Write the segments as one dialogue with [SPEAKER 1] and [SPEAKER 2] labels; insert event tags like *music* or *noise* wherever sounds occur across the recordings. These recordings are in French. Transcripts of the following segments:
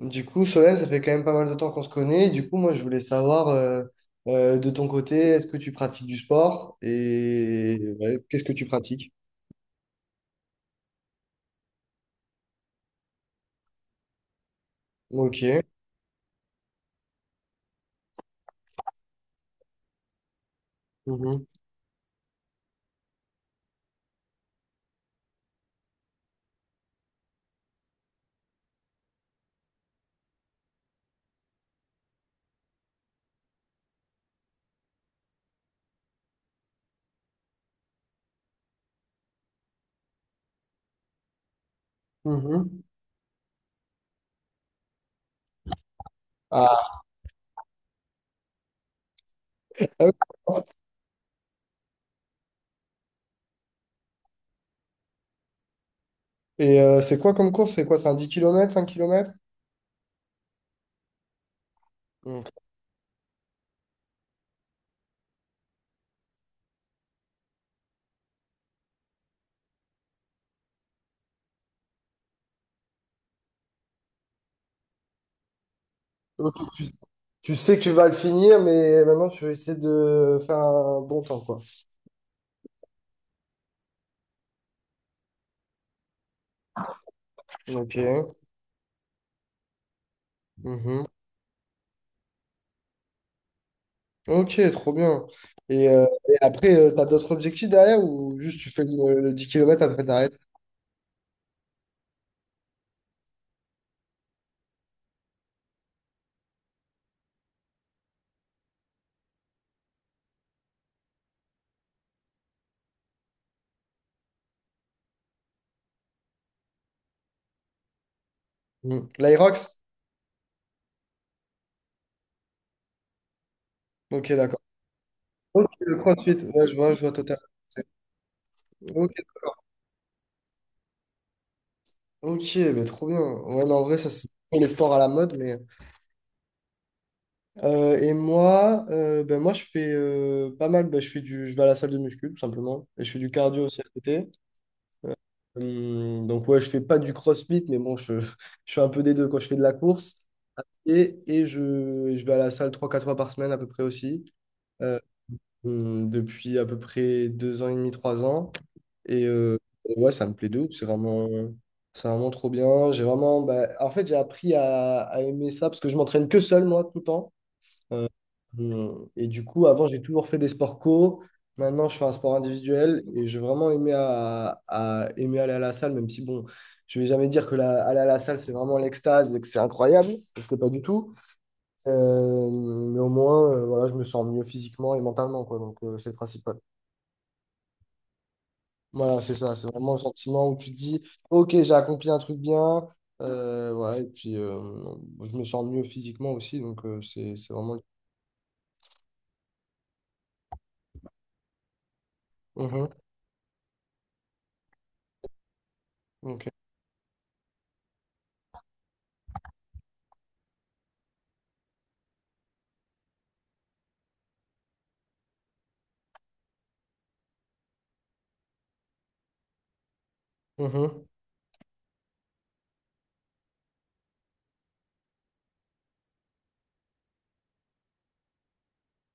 [SPEAKER 1] Du coup, Solène, ça fait quand même pas mal de temps qu'on se connaît. Du coup, moi, je voulais savoir de ton côté, est-ce que tu pratiques du sport et ouais, qu'est-ce que tu pratiques? Ok. Mhm. Mhm. Ah. Ah oui. Et c'est quoi comme course? C'est quoi? C'est un 10 kilomètres, 5 kilomètres. Ok. Ok. Tu sais que tu vas le finir, mais maintenant, tu vas essayer de faire un bon temps, quoi. Ok. Mhm. Ok, trop bien. Et après, tu as d'autres objectifs derrière ou juste tu fais le 10 km après, t'arrêtes? Hmm. L'Aerox? Ok, d'accord. Ok, le CrossFit. Ouais, je vois totalement. C'est- Ok, ok, bah, trop bien. Ouais, mais en vrai, ça, c'est les sports à la mode. Mais... Et moi, ben, moi, je fais pas mal. Ben, je fais du... je vais à la salle de muscu, tout simplement. Et je fais du cardio aussi à côté. Euh, donc, ouais, je fais pas du CrossFit, mais bon, je, *laughs* je fais un peu des deux quand je fais de la course. Et je vais à la salle trois quatre fois par semaine à peu près aussi. Euh, Depuis à peu près deux ans et demi, trois ans. Et ouais, ça me plaît de ouf. C'est vraiment trop bien. J'ai vraiment, bah, en fait, j'ai appris à aimer ça parce que je m'entraîne que seul, moi, tout le temps. Et du coup, avant, j'ai toujours fait des sports co. Maintenant, je fais un sport individuel et j'ai vraiment aimé, à- aimé aller à la salle, même si, bon, je vais jamais dire que la, aller à la salle, c'est vraiment l'extase et que c'est incroyable, parce que pas du tout. Mais au moins, voilà, je me sens mieux physiquement et mentalement, quoi. Donc, c'est le principal. Voilà, c'est ça, c'est vraiment le sentiment où tu te dis, ok, j'ai accompli un truc bien, ouais, et puis je me sens mieux physiquement aussi, donc c'est vraiment... le- Mhm, ok. Mhm,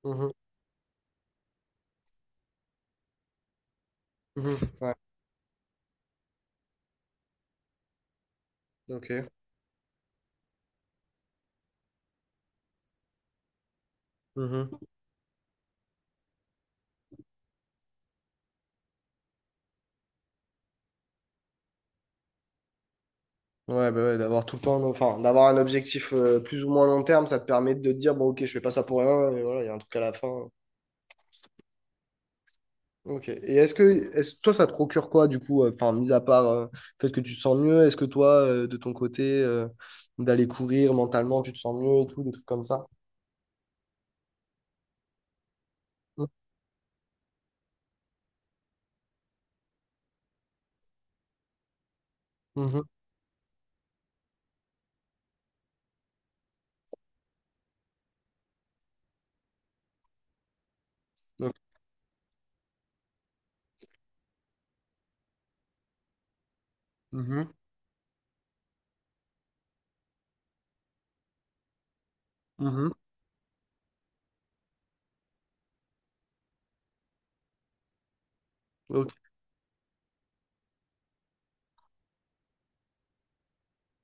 [SPEAKER 1] mhm, mhm, ouais, ok. Mhm. Ouais, bah ouais, d'avoir tout le temps, enfin, d'avoir un objectif plus ou moins long terme, ça te permet de te dire, bon, ok, je fais pas ça pour rien, et voilà, il y a un truc à la fin. Ok. Et est-ce, toi, ça te procure quoi, du coup, enfin, mis à part le fait que tu te sens mieux, est-ce que toi, de ton côté, d'aller courir mentalement, tu te sens mieux et tout, des trucs comme ça? Mhm. Mhm. Ok. Mhm. Mhm. Ok.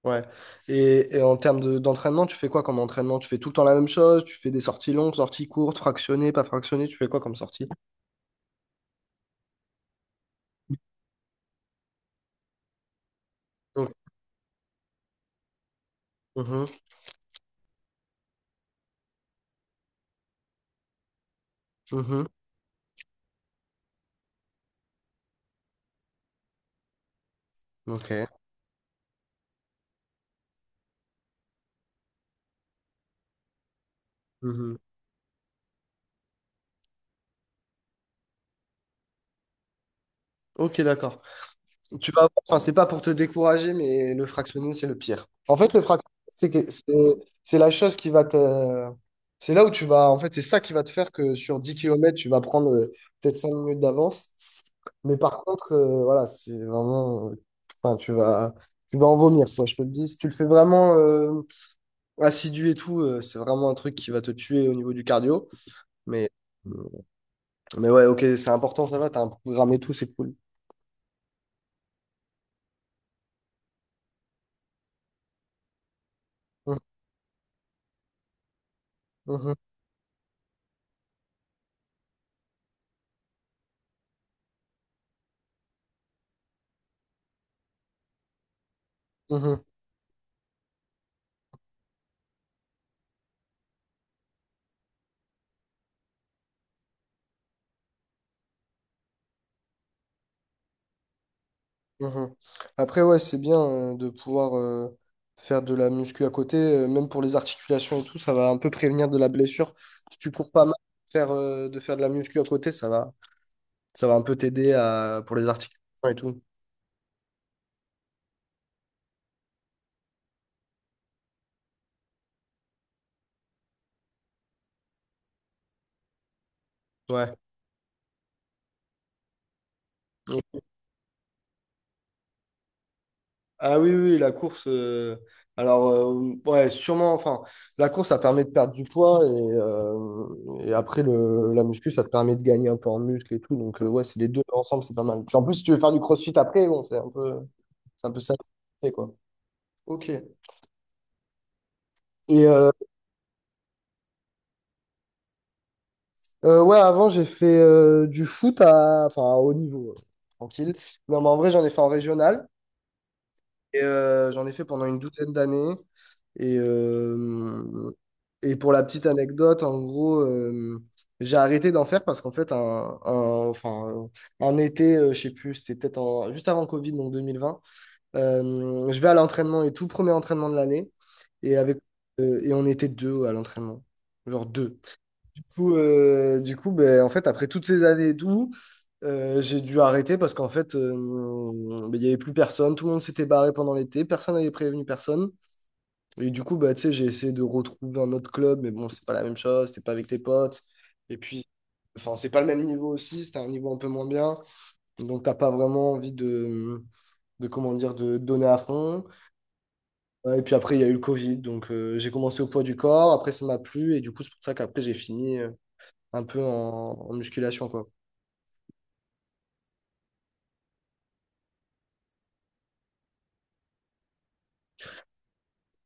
[SPEAKER 1] Ouais. Et en termes de- d'entraînement, tu fais quoi comme entraînement? Tu fais tout le temps la même chose? Tu fais des sorties longues, sorties courtes, fractionnées, pas fractionnées? Tu fais quoi comme sortie? Ok. Mhm. Mhm. Ok. Mhm. Ok, d'accord. Tu vas avoir- enfin, c'est pas pour te décourager, mais le fractionner, c'est le pire. En fait, le fractionner, c'est que- c'est la chose qui va te. C'est là où tu vas. En fait, c'est ça qui va te faire que sur 10 kilomètres tu vas prendre peut-être 5 minutes d'avance. Mais par contre, voilà, c'est vraiment. Enfin, tu vas. Tu vas en vomir, quoi, je te le dis. Si tu le fais vraiment assidu et tout, c'est vraiment un truc qui va te tuer au niveau du cardio. Mais, mais ouais, ok, c'est important, ça va, t'as un programme et tout, c'est cool. Mhm, mhm, mhm. Mhm. Après, ouais, c'est bien de pouvoir faire de la muscu à côté, même pour les articulations et tout, ça va un peu prévenir de la blessure. Si tu cours pas mal, faire, de faire de la muscu à côté, ça va un peu t'aider à, pour les articulations et tout. Ouais. Ah oui, oui, oui, la course. Alors, ouais, sûrement. Enfin, la course, ça permet de perdre du poids et après, le, la muscu, ça te permet de gagner un peu en muscle et tout. Donc, ouais, c'est les deux ensemble, c'est pas mal. Puis en plus, si tu veux faire du crossfit après, bon, c'est un peu ça, c'est quoi. Ok. Et ouais, avant, j'ai fait du foot à, enfin, à haut niveau, tranquille. Non, mais en vrai, j'en ai fait en régional. Et, j'en ai fait pendant une douzaine d'années. Et, euh, et pour la petite anecdote, en gros, j'ai arrêté d'en faire parce qu'en fait, un, enfin, un été, je sais plus, c'était peut-être en- juste avant Covid, donc 2020, je vais à l'entraînement et tout, premier entraînement de l'année. Et, avec, et on était deux à l'entraînement. Genre deux. Du coup, ben, en fait, après toutes ces années et tout, j'ai dû arrêter parce qu'en fait, ben, il n'y avait plus personne. Tout le monde s'était barré pendant l'été. Personne n'avait prévenu personne. Et du coup, bah, tu sais, j'ai essayé de retrouver un autre club, mais bon, c'est pas la même chose. C'était pas avec tes potes. Et puis, enfin, c'est pas le même niveau aussi. C'était un niveau un peu moins bien. Donc, t'as pas vraiment envie de comment dire, de donner à fond. Et puis après, il y a eu le Covid. Donc, j'ai commencé au poids du corps. Après, ça m'a plu. Et du coup, c'est pour ça qu'après, j'ai fini un peu en, en musculation, quoi.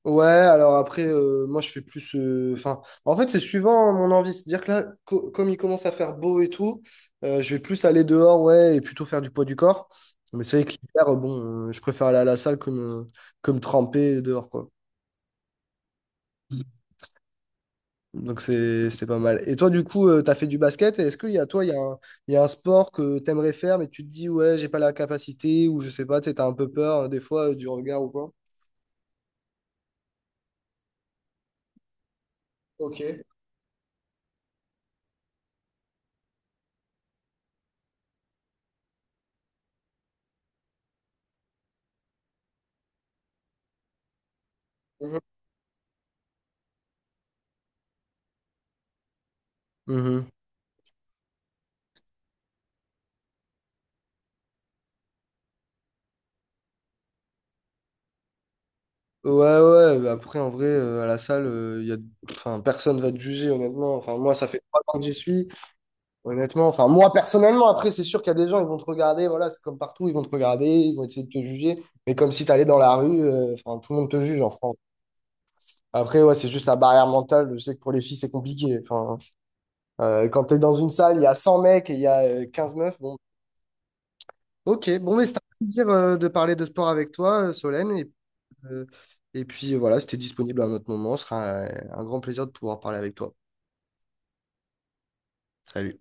[SPEAKER 1] Ouais, alors après, moi je fais plus. Enfin, en fait, c'est suivant mon envie. C'est-à-dire que là, co- comme il commence à faire beau et tout, je vais plus aller dehors, ouais, et plutôt faire du poids du corps. Mais c'est vrai que l'hiver, bon, je préfère aller à la salle que me tremper dehors, quoi. Donc c'est pas mal. Et toi, du coup, tu t'as fait du basket. Et est-ce qu'il y a toi, il y a un, il y a un sport que t'aimerais faire, mais tu te dis, ouais, j'ai pas la capacité, ou je sais pas, tu sais, t'as un peu peur des fois du regard ou quoi? Ok. Mhm. Ouais, ouais, bah après, en vrai, à la salle, y a... enfin, personne va te juger, honnêtement. Enfin, moi, ça fait trois ans que j'y suis, honnêtement. Enfin, moi, personnellement, après, c'est sûr qu'il y a des gens, ils vont te regarder, voilà, c'est comme partout, ils vont te regarder, ils vont essayer de te juger. Mais comme si t'allais dans la rue, enfin, tout le monde te juge en France. Après, ouais, c'est juste la barrière mentale. Je sais que pour les filles, c'est compliqué. Enfin, quand t'es dans une salle, il y a 100 mecs et il y a 15 meufs, bon. Ok, bon, mais c'était un plaisir, de parler de sport avec toi, Solène. Et Euh, et puis voilà, c'était disponible à un autre moment. Ce sera un grand plaisir de pouvoir parler avec toi. Salut.